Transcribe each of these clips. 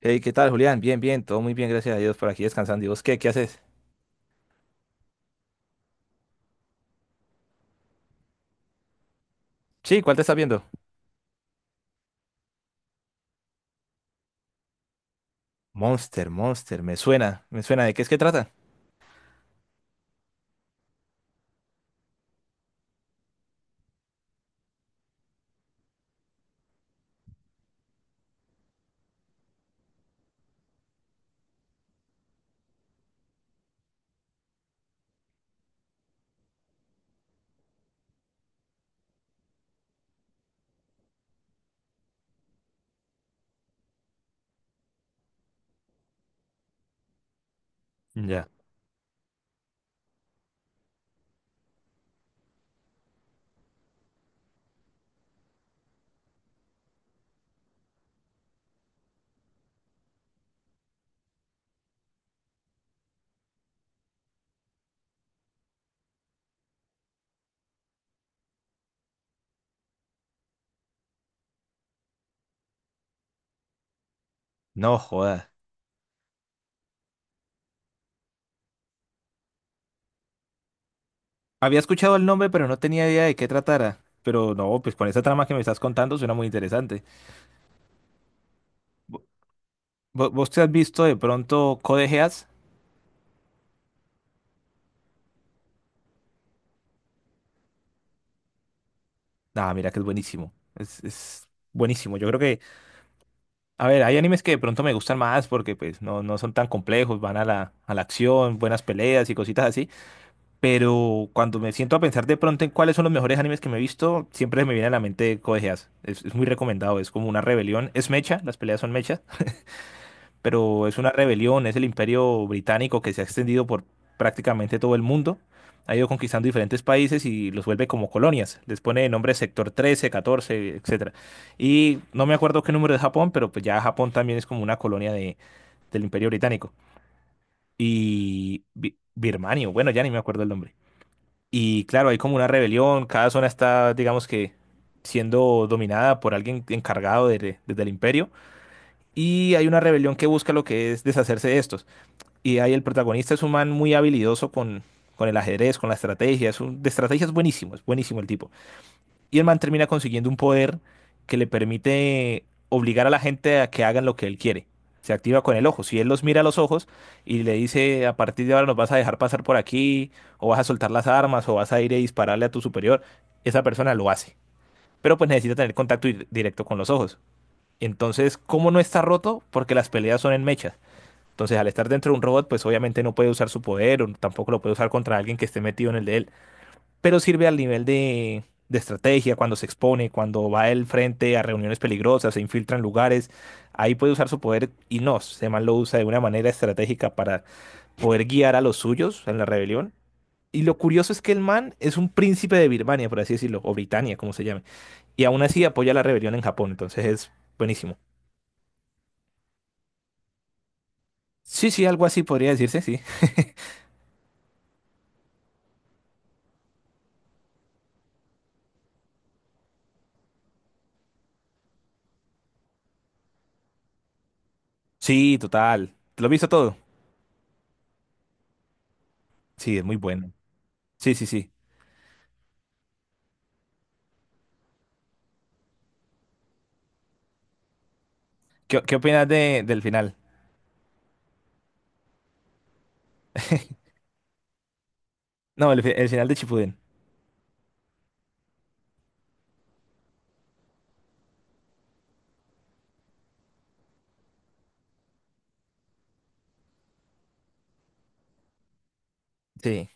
Hey, ¿qué tal, Julián? Bien, bien, todo muy bien, gracias a Dios por aquí descansando. ¿Y vos qué? ¿Qué haces? Sí, ¿cuál te estás viendo? Monster, Monster, me suena, me suena. ¿De qué es que trata? Ya. No, joda. Había escuchado el nombre, pero no tenía idea de qué tratara. Pero no, pues con esa trama que me estás contando suena muy interesante. ¿Vo- ¿Vos te has visto de pronto Code Geass? Ah, mira que es buenísimo. Es buenísimo. Yo creo que, a ver, hay animes que de pronto me gustan más porque pues no son tan complejos, van a la acción, buenas peleas y cositas así. Pero cuando me siento a pensar de pronto en cuáles son los mejores animes que me he visto, siempre me viene a la mente Code Geass. Es muy recomendado, es como una rebelión. Es mecha, las peleas son mechas, pero es una rebelión, es el imperio británico que se ha extendido por prácticamente todo el mundo. Ha ido conquistando diferentes países y los vuelve como colonias. Les pone de nombre sector 13, 14, etcétera. Y no me acuerdo qué número es Japón, pero pues ya Japón también es como una colonia del imperio británico. Y Birmania, bueno, ya ni me acuerdo el nombre. Y claro, hay como una rebelión, cada zona está, digamos que, siendo dominada por alguien encargado desde el imperio. Y hay una rebelión que busca lo que es deshacerse de estos. Y ahí el protagonista es un man muy habilidoso con el ajedrez, con la estrategia. De estrategia es buenísimo el tipo. Y el man termina consiguiendo un poder que le permite obligar a la gente a que hagan lo que él quiere. Se activa con el ojo. Si él los mira a los ojos y le dice, a partir de ahora nos vas a dejar pasar por aquí, o vas a soltar las armas, o vas a ir a dispararle a tu superior, esa persona lo hace. Pero pues necesita tener contacto directo con los ojos. Entonces, ¿cómo no está roto? Porque las peleas son en mechas. Entonces, al estar dentro de un robot, pues obviamente no puede usar su poder o tampoco lo puede usar contra alguien que esté metido en el de él, pero sirve al nivel de estrategia, cuando se expone, cuando va él frente a reuniones peligrosas, se infiltra en lugares, ahí puede usar su poder y no, Seman lo usa de una manera estratégica para poder guiar a los suyos en la rebelión. Y lo curioso es que el man es un príncipe de Birmania, por así decirlo, o Britania, como se llame, y aún así apoya la rebelión en Japón, entonces es buenísimo. Sí, sí, algo así podría decirse, sí. Sí, total. ¿Lo has visto todo? Sí, es muy bueno. Sí, sí, sí. ¿Qué opinas del final? No, el final de Chipuden. Sí.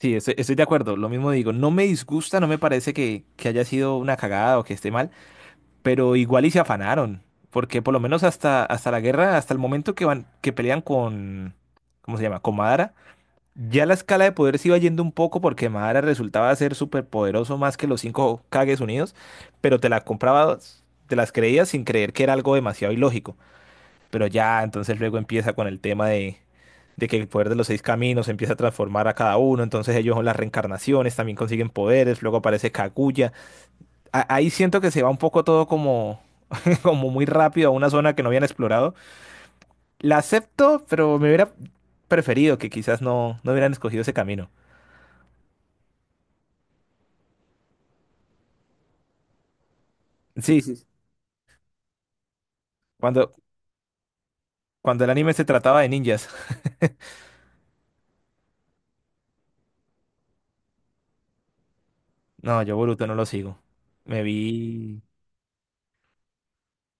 Sí, estoy de acuerdo, lo mismo digo, no me disgusta, no me parece que haya sido una cagada o que esté mal, pero igual y se afanaron, porque por lo menos hasta, la guerra, hasta el momento que pelean con, ¿cómo se llama? Con Madara, ya la escala de poder se iba yendo un poco porque Madara resultaba ser súper poderoso más que los cinco Kages unidos, pero te la comprabas, te las creías sin creer que era algo demasiado ilógico. Pero ya, entonces luego empieza con el tema de que el poder de los seis caminos empieza a transformar a cada uno, entonces ellos son las reencarnaciones, también consiguen poderes, luego aparece Kaguya. Ahí siento que se va un poco todo como, como muy rápido a una zona que no habían explorado. La acepto, pero me hubiera preferido que quizás no hubieran escogido ese camino. Sí, sí, sí. Cuando, cuando el anime se trataba de ninjas. No, yo Boruto no lo sigo. Me vi,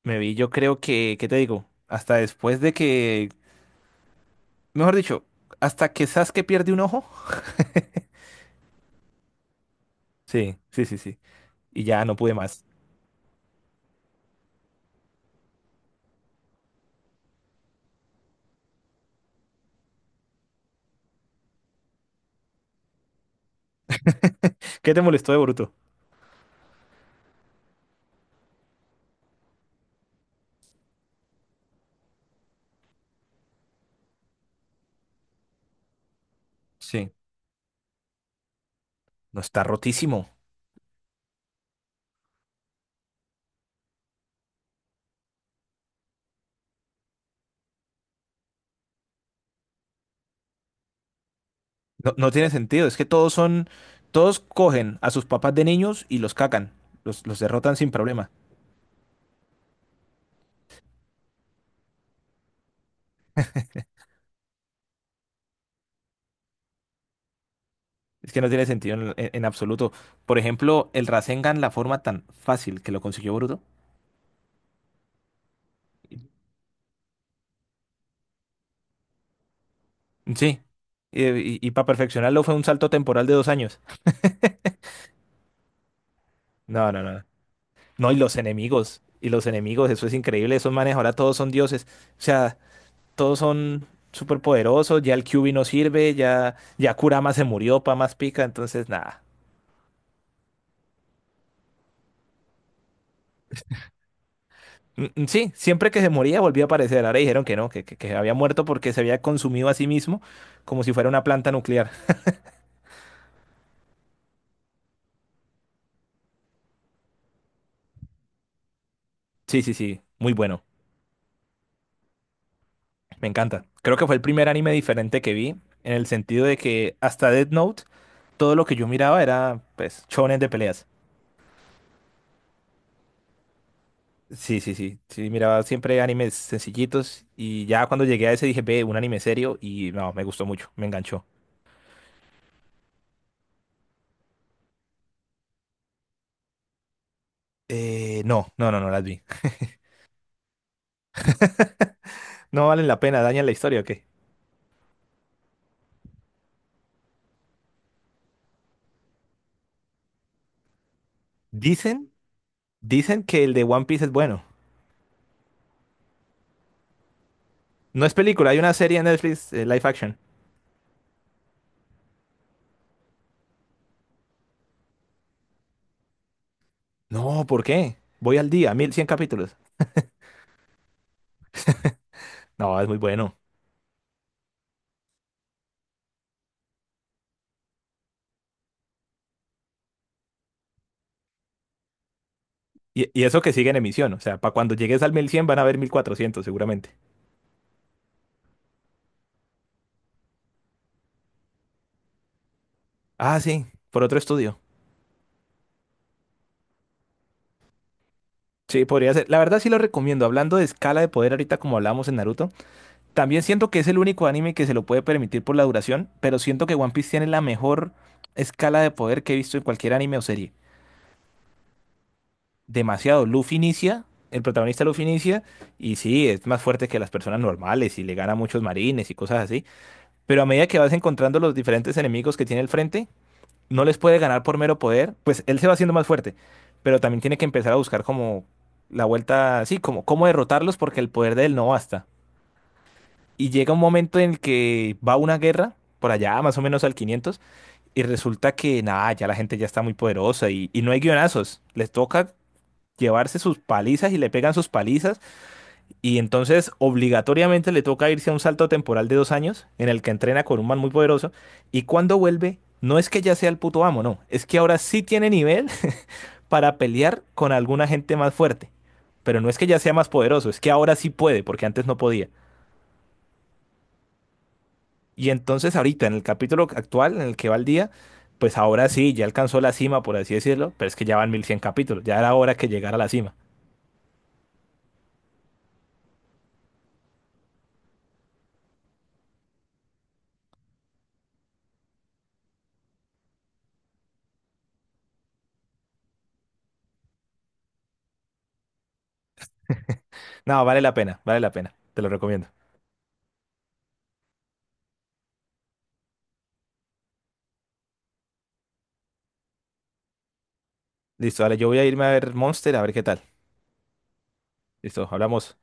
me vi, yo creo que, ¿qué te digo? Hasta después de que Mejor dicho, hasta que Sasuke pierde un ojo. Sí, sí, sí, sí. Y ya no pude más. ¿Qué te molestó de Boruto? Sí. No, está rotísimo. No, no tiene sentido. Es que todos son. Todos cogen a sus papás de niños y los cacan. Los derrotan sin problema. Es que no tiene sentido en absoluto. Por ejemplo, el Rasengan, la forma tan fácil que lo consiguió Boruto. Sí. Y, para perfeccionarlo fue un salto temporal de 2 años. No, no, no. No, no, Y los enemigos. Eso es increíble. Esos manes ahora todos son dioses. O sea, todos son súper poderosos, ya el QB no sirve, ya Kurama se murió, pa más pica, entonces nada. Mm, mm, sí, siempre que se moría volvía a aparecer. Ahora dijeron que no, que había muerto porque se había consumido a sí mismo como si fuera una planta nuclear. Sí, sí, sí, muy bueno. Me encanta. Creo que fue el primer anime diferente que vi, en el sentido de que hasta Death Note, todo lo que yo miraba era, pues, shonen de peleas. Sí, sí, sí. Sí, miraba siempre animes sencillitos y ya cuando llegué a ese dije, ve, un anime serio y no, me gustó mucho, me enganchó. No, no, no, no las vi. No valen la pena, dañan la historia, ¿o qué? Dicen, dicen que el de One Piece es bueno. No es película, hay una serie en Netflix, live action. No, ¿por qué? Voy al día, 1100 capítulos. No, es muy bueno. Y eso que sigue en emisión, o sea, para cuando llegues al 1100 van a haber 1400, seguramente. Ah, sí, por otro estudio. Sí, podría ser. La verdad sí lo recomiendo. Hablando de escala de poder ahorita como hablamos en Naruto, también siento que es el único anime que se lo puede permitir por la duración, pero siento que One Piece tiene la mejor escala de poder que he visto en cualquier anime o serie. Demasiado. El protagonista Luffy inicia, y sí, es más fuerte que las personas normales y le gana a muchos marines y cosas así. Pero a medida que vas encontrando los diferentes enemigos que tiene al frente, no les puede ganar por mero poder, pues él se va haciendo más fuerte, pero también tiene que empezar a buscar como la vuelta, sí, como cómo derrotarlos porque el poder de él no basta. Y llega un momento en el que va una guerra, por allá más o menos al 500, y resulta que nada, ya la gente ya está muy poderosa y no hay guionazos. Les toca llevarse sus palizas y le pegan sus palizas. Y entonces obligatoriamente le toca irse a un salto temporal de 2 años en el que entrena con un man muy poderoso. Y cuando vuelve, no es que ya sea el puto amo, no. Es que ahora sí tiene nivel para pelear con alguna gente más fuerte. Pero no es que ya sea más poderoso, es que ahora sí puede, porque antes no podía. Y entonces ahorita, en el capítulo actual, en el que va el día, pues ahora sí, ya alcanzó la cima, por así decirlo, pero es que ya van 1100 capítulos, ya era hora que llegara a la cima. No, vale la pena, te lo recomiendo. Listo, dale, yo voy a irme a ver Monster, a ver qué tal. Listo, hablamos.